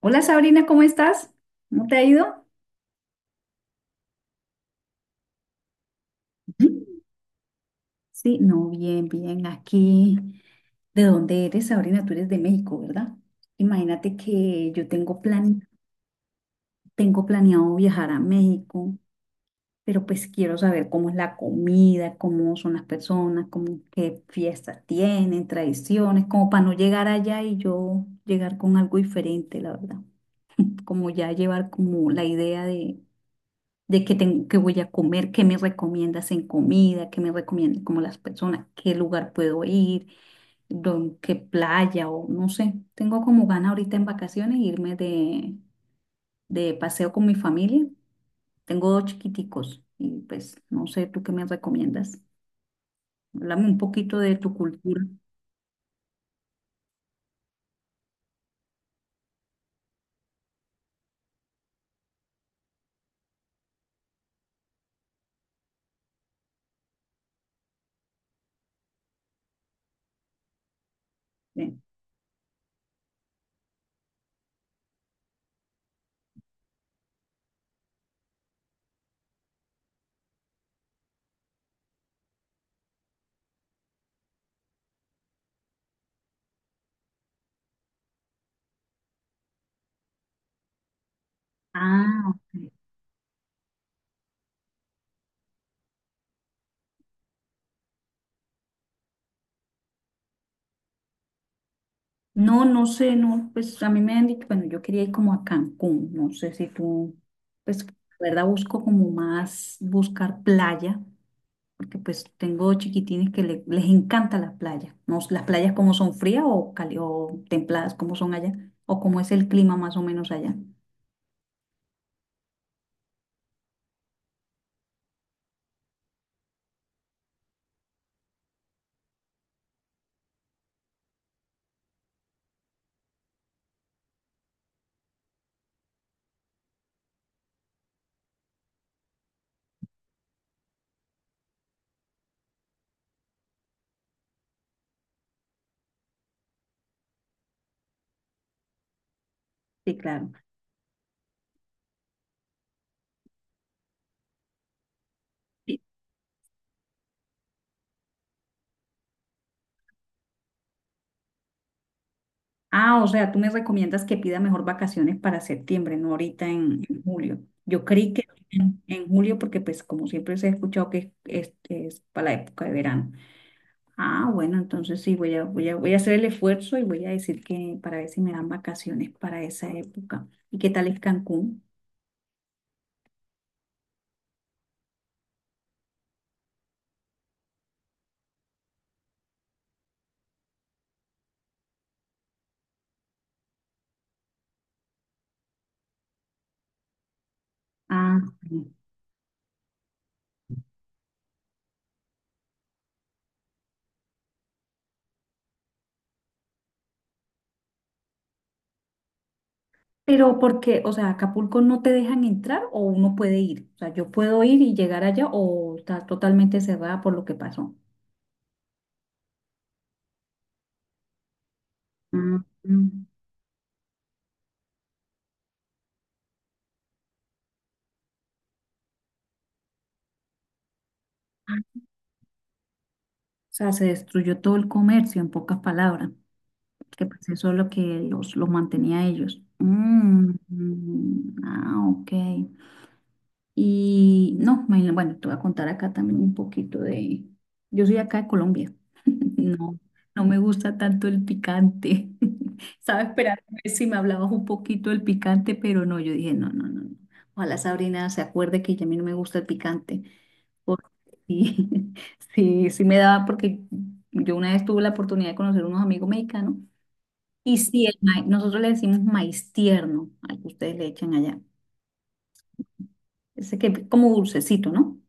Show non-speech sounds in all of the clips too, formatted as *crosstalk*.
Hola Sabrina, ¿cómo estás? ¿Cómo te ha ido? Ujú. Sí, no, bien, bien, aquí. ¿De dónde eres, Sabrina? Tú eres de México, ¿verdad? Imagínate que yo tengo plan, tengo planeado viajar a México, pero pues quiero saber cómo es la comida, cómo son las personas, cómo, qué fiestas tienen, tradiciones, como para no llegar allá y yo llegar con algo diferente, la verdad. Como ya llevar como la idea de qué, qué voy a comer, qué me recomiendas en comida, qué me recomiendan como las personas, qué lugar puedo ir, qué playa o no sé. Tengo como gana ahorita en vacaciones irme de paseo con mi familia. Tengo dos chiquiticos y pues no sé, ¿tú qué me recomiendas? Háblame un poquito de tu cultura. Sí. Ah, ok. No, no sé, no, pues a mí me han dicho, bueno, yo quería ir como a Cancún, no sé si tú, pues, la verdad busco como más, buscar playa, porque pues tengo chiquitines que les encanta las playas. No, las playas como son frías o, o templadas, como son allá, o cómo es el clima más o menos allá. Sí, claro. Sí. Ah, o sea, tú me recomiendas que pida mejor vacaciones para septiembre, no ahorita en julio. Yo creí que en julio, porque pues como siempre se ha escuchado que es, es para la época de verano. Ah, bueno, entonces sí, voy a hacer el esfuerzo y voy a decir que para ver si me dan vacaciones para esa época. ¿Y qué tal es Cancún? Ah, pero porque, o sea, Acapulco no te dejan entrar o uno puede ir. O sea, yo puedo ir y llegar allá o está totalmente cerrada por lo que pasó. Mm, mm. O sea, se destruyó todo el comercio, en pocas palabras, que pues eso es lo que los mantenía a ellos. Mm, mm, ah, ok. Y no, imagina- bueno, te voy a contar acá también un poquito de... Yo soy acá de Colombia. No, no me gusta tanto el picante. *laughs* Estaba esperando a ver si me hablabas un poquito del picante, pero no, yo dije, no, no, no. no. Ojalá Sabrina se acuerde que a mí no me gusta el picante. Porque sí, *laughs* sí, sí me daba, porque yo una vez tuve la oportunidad de conocer unos amigos mexicanos. Y sí, el maíz, nosotros le decimos maíz tierno al que ustedes le echan allá. Ese que es como dulcecito, ¿no?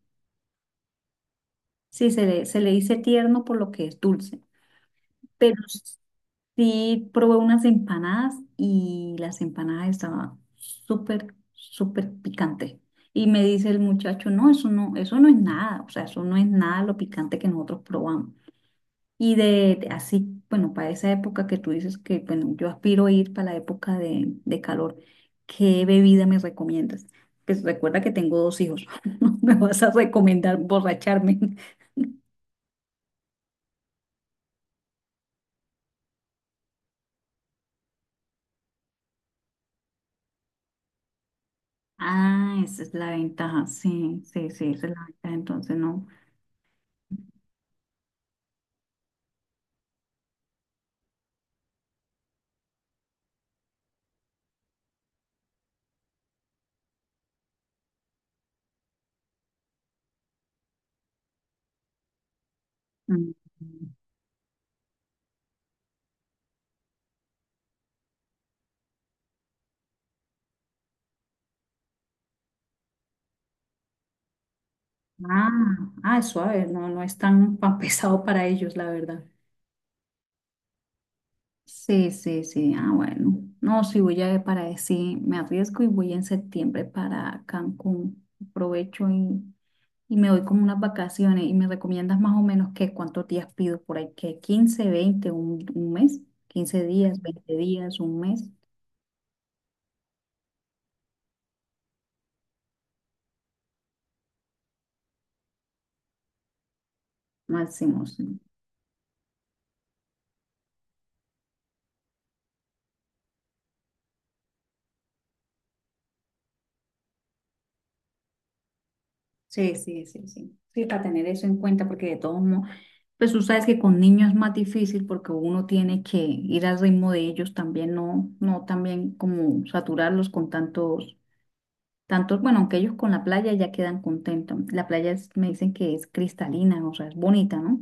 Sí, se le dice tierno por lo que es dulce. Pero sí, probé unas empanadas y las empanadas estaban súper, súper picante. Y me dice el muchacho, no, eso no, eso no es nada, o sea, eso no es nada lo picante que nosotros probamos. Y de así, bueno, para esa época que tú dices que, bueno, yo aspiro a ir para la época de calor, ¿qué bebida me recomiendas? Pues recuerda que tengo dos hijos, *laughs* no me vas a recomendar borracharme. *laughs* Ah, esa es la ventaja, sí, sí, sí, esa es la ventaja, entonces no. Mm. Ah, ah, es suave, no, no es tan, tan *laughs* pesado para ellos, la verdad. Sí, sí, sí, ah, bueno. No, sí, voy a ver para ver si me arriesgo y voy en septiembre para Cancún. Aprovecho y me doy como unas vacaciones. ¿Y me recomiendas más o menos qué? ¿Cuántos días pido por ahí? ¿Qué? ¿Quince, 20, un mes? ¿Quince días, 20 días, un mes? Máximo, sí. Sí, sí, sí, sí. Sí, para tener eso en cuenta, porque de todos modos. Pues tú sabes que con niños es más difícil porque uno tiene que ir al ritmo de ellos también, no, no también como saturarlos con tantos, tantos, bueno, aunque ellos con la playa ya quedan contentos. La playa es- me dicen que es cristalina, o sea, es bonita, ¿no? O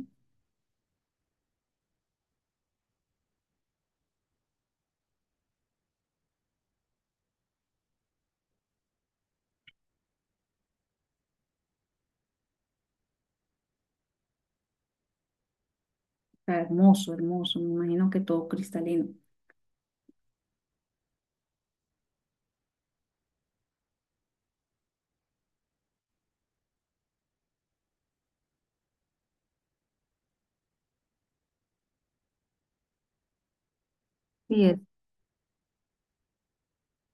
sea, hermoso, hermoso, me imagino que todo cristalino.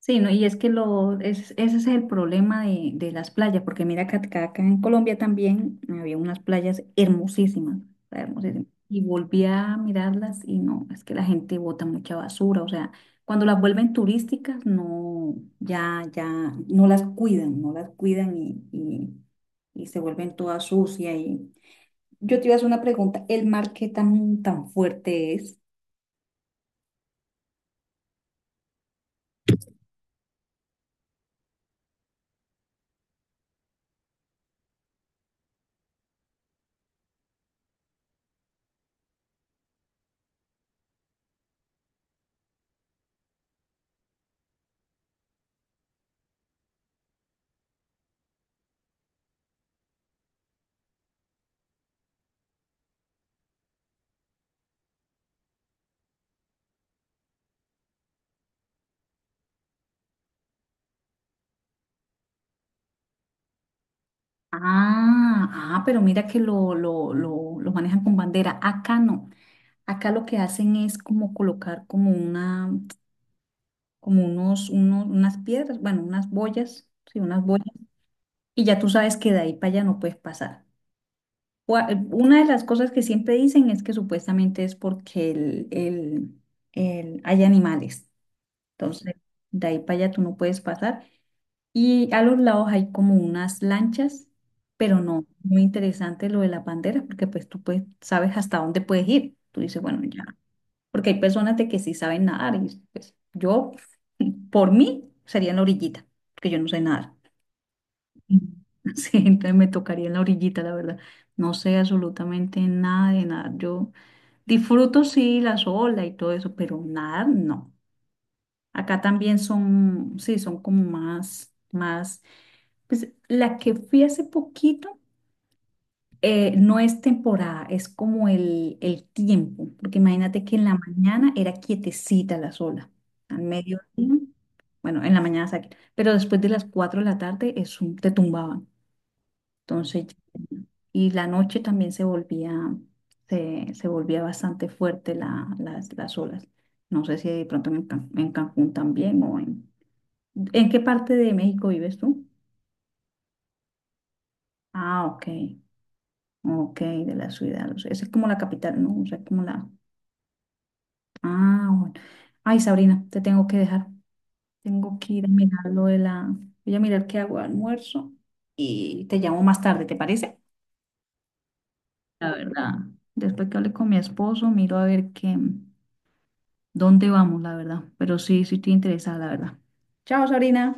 Sí, no, y es que lo, es, ese es el problema de las playas, porque mira que acá, acá en Colombia también había unas playas hermosísimas, o sea, hermosísimas. Y volví a mirarlas y no, es que la gente bota mucha basura, o sea, cuando las vuelven turísticas, no, ya, ya, no las cuidan, no las cuidan y se vuelven todas sucias. Y... Yo te iba a hacer una pregunta, ¿el mar qué tan, tan fuerte es? Ah, ah, pero mira que lo manejan con bandera. Acá no. Acá lo que hacen es como colocar como una, como unas piedras, bueno, unas boyas, sí, unas boyas, y ya tú sabes que de ahí para allá no puedes pasar. O una de las cosas que siempre dicen es que supuestamente es porque hay animales. Entonces, de ahí para allá tú no puedes pasar. Y a los lados hay como unas lanchas, pero mm, no, muy interesante lo de las banderas, porque pues tú pues, sabes hasta dónde puedes ir. Tú dices, bueno, ya, porque hay personas de que sí saben nadar y pues yo, *laughs* por mí, sería en la orillita, porque yo no sé nadar. Mm. *laughs* Sí, entonces me tocaría en la orillita, la verdad. No sé absolutamente nada de nadar. Yo disfruto sí las olas y todo eso, pero nadar no. Acá también son, sí, son como más, más pues la que fui hace poquito no es temporada, es como el tiempo, porque imagínate que en la mañana era quietecita la sola, al mediodía, bueno, en la mañana saqué, pero después de las 4 de la tarde es te tumbaban, entonces, y la noche también se volvía, se volvía bastante fuerte la, las olas. No sé si de pronto en, en Cancún también o en... ¿En qué parte de México vives tú? Ah, ok. Ok, de la ciudad. O sea, esa es como la capital, ¿no? O sea, como la... Ah, bueno. Ay, Sabrina, te tengo que dejar. Tengo que ir a mirar lo de la... Voy a mirar qué hago de almuerzo y te llamo más tarde, ¿te parece? La verdad. Después que hable con mi esposo, miro a ver qué... ¿Dónde vamos, la verdad? Pero sí, sí estoy interesada, la verdad. Chao, Sabrina.